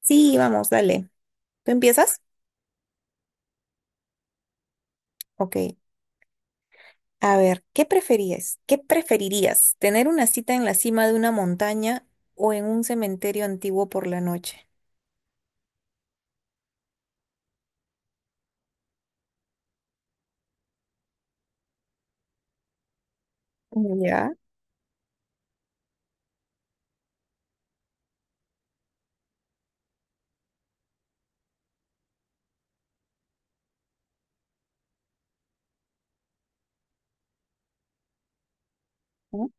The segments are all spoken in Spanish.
Sí, vamos, dale. ¿Tú empiezas? Ok. A ver, ¿qué preferías? ¿Qué preferirías? ¿Tener una cita en la cima de una montaña o en un cementerio antiguo por la noche? Ya, ¿no?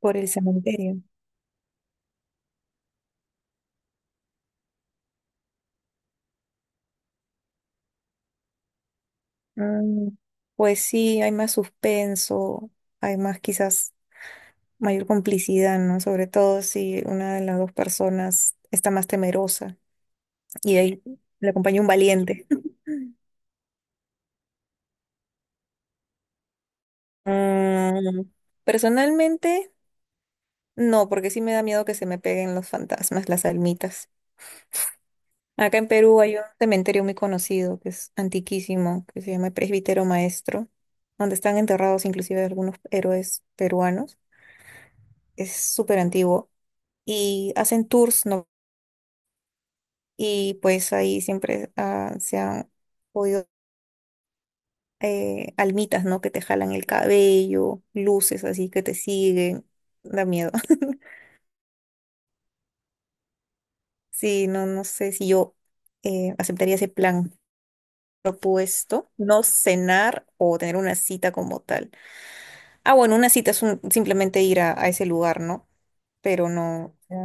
Por el cementerio. Mm, pues sí, hay más suspenso, hay más quizás mayor complicidad, ¿no? Sobre todo si una de las dos personas está más temerosa y ahí le acompaña un valiente. Mm, personalmente... No, porque sí me da miedo que se me peguen los fantasmas, las almitas. Acá en Perú hay un cementerio muy conocido, que es antiquísimo, que se llama el Presbítero Maestro, donde están enterrados inclusive algunos héroes peruanos. Es súper antiguo. Y hacen tours, ¿no? Y pues ahí siempre se han podido almitas, ¿no? Que te jalan el cabello, luces así que te siguen. Da miedo. Sí, no, no sé si yo aceptaría ese plan. Propuesto no cenar o tener una cita como tal. Ah, bueno, una cita es simplemente ir a ese lugar, ¿no? Pero no, o sea,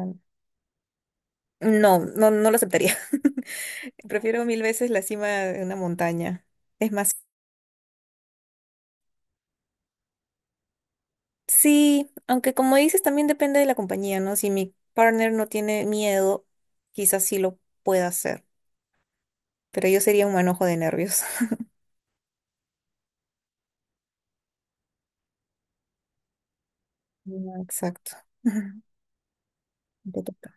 no, no, no lo aceptaría. Prefiero mil veces la cima de una montaña. Es más, sí, aunque como dices, también depende de la compañía, ¿no? Si mi partner no tiene miedo, quizás sí lo pueda hacer, pero yo sería un manojo de nervios. Ah, exacto. Te toca.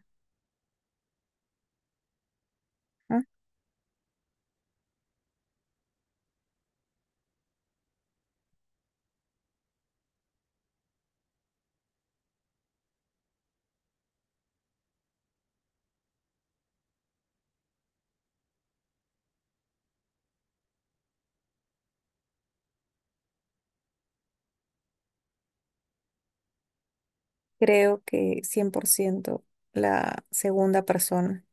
Ah, creo que 100% la segunda persona.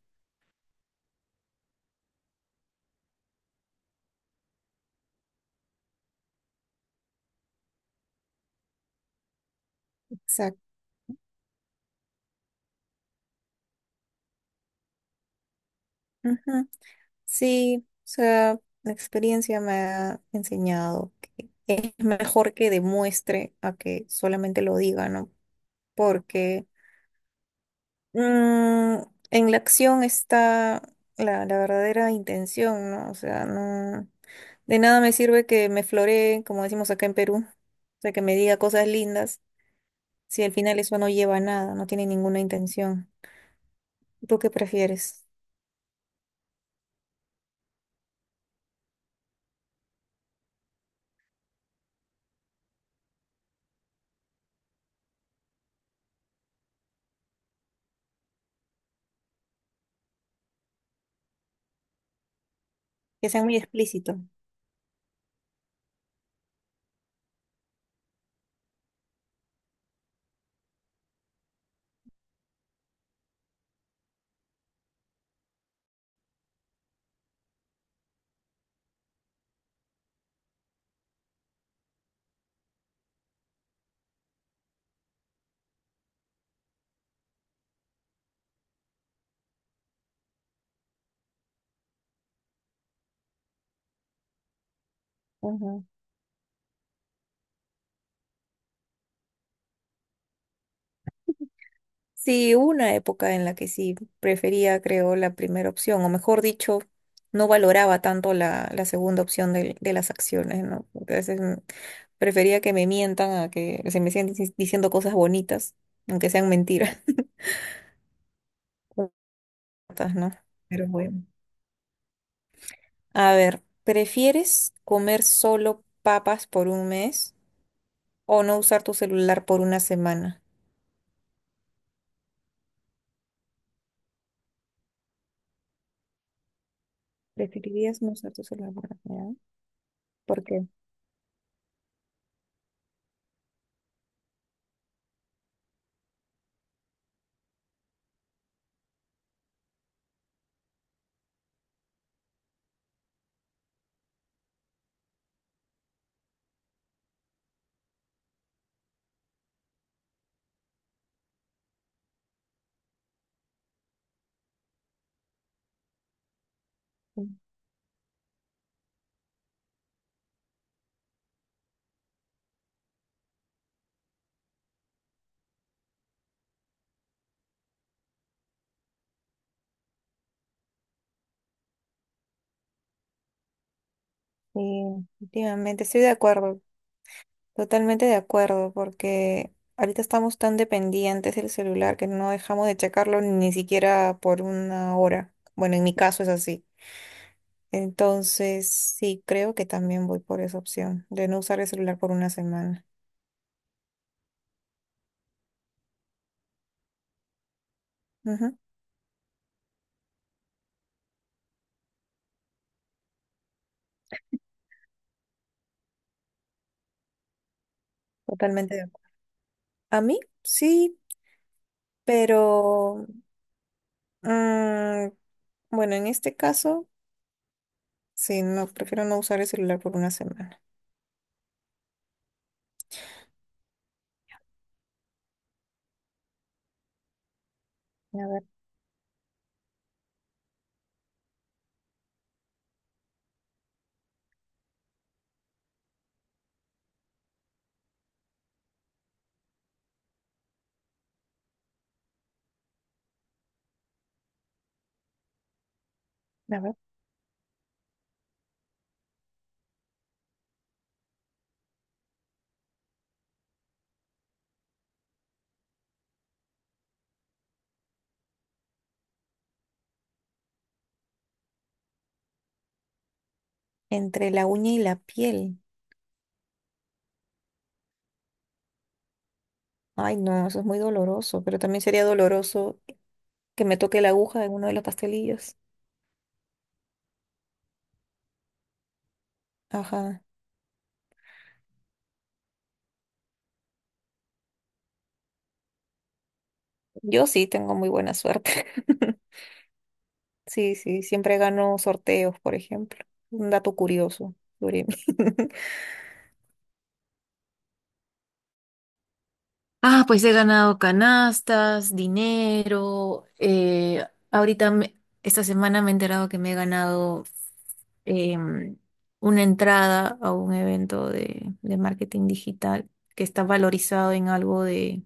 Exacto. Ujú. Sí, o sea, la experiencia me ha enseñado que es mejor que demuestre a que solamente lo diga, ¿no? Porque mm, en la acción está la verdadera intención, ¿no? O sea, no, de nada me sirve que me floree, como decimos acá en Perú, o sea, que me diga cosas lindas, si al final eso no lleva a nada, no tiene ninguna intención. ¿Tú qué prefieres? Que sea muy explícito. Sí, hubo una época en la que sí prefería, creo, la primera opción, o mejor dicho, no valoraba tanto la segunda opción de, las acciones, ¿no? Entonces prefería que me mientan a que se me sigan diciendo cosas bonitas, aunque sean mentiras, cortas, ¿no? Pero bueno. A ver, ¿prefieres comer solo papas por un mes o no usar tu celular por una semana? Preferirías no usar tu celular por una semana. ¿Por qué? Sí, últimamente estoy de acuerdo. Totalmente de acuerdo, porque ahorita estamos tan dependientes del celular que no dejamos de checarlo ni siquiera por una hora. Bueno, en mi caso es así. Entonces, sí, creo que también voy por esa opción de no usar el celular por una semana. Ujú. Totalmente de acuerdo. A mí, sí, pero mm, bueno, en este caso, sí, no, prefiero no usar el celular por una semana. A ver, a ver. Entre la uña y la piel. Ay, no, eso es muy doloroso, pero también sería doloroso que me toque la aguja en uno de los pastelillos. Ajá. Yo sí tengo muy buena suerte. Sí, sí, siempre gano sorteos, por ejemplo. Un dato curioso sobre mí. Ah, pues he ganado canastas, dinero. Ahorita, esta semana me he enterado que me he ganado em, una entrada a un evento de marketing digital que está valorizado en algo de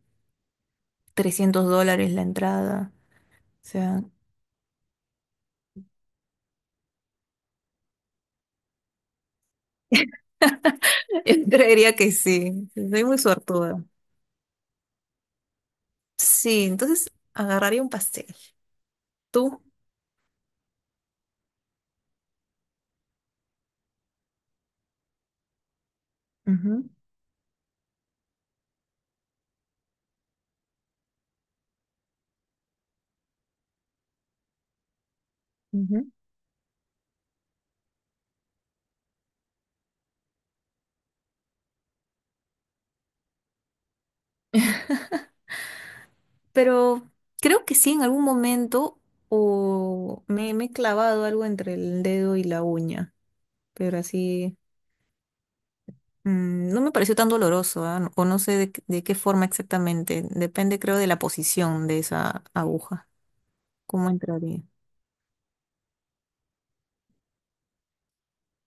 $300 la entrada. O sea, yo creería que sí. Soy muy suertuda. Sí, entonces agarraría un pastel. ¿Tú? Ujú, ujú. Pero creo que sí, en algún momento me he clavado algo entre el dedo y la uña, pero así no me pareció tan doloroso, ¿ah? No, o no sé qué de qué forma exactamente, depende creo de la posición de esa aguja, cómo entraría.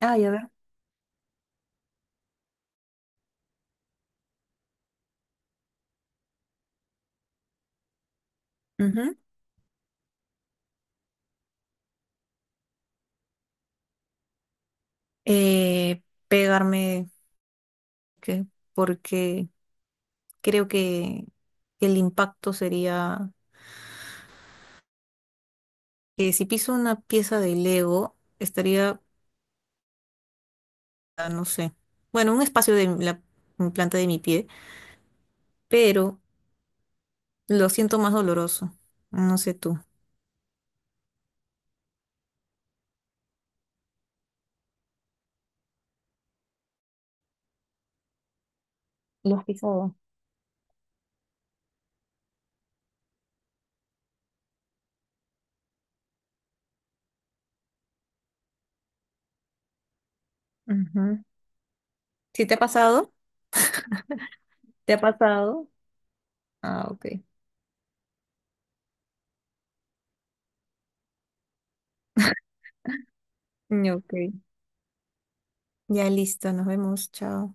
Ah, ya ver. Ujú. Eh, pegarme que- porque creo que el impacto sería que si piso una pieza de Lego, estaría, ah, no sé, bueno, un espacio de la planta de mi pie, pero lo siento más doloroso. No sé tú. Lo has pisado. Ujú. ¿Sí te ha pasado? ¿Te ha pasado? Ah, ok. Mm, ok. Ya listo, nos vemos. Chao.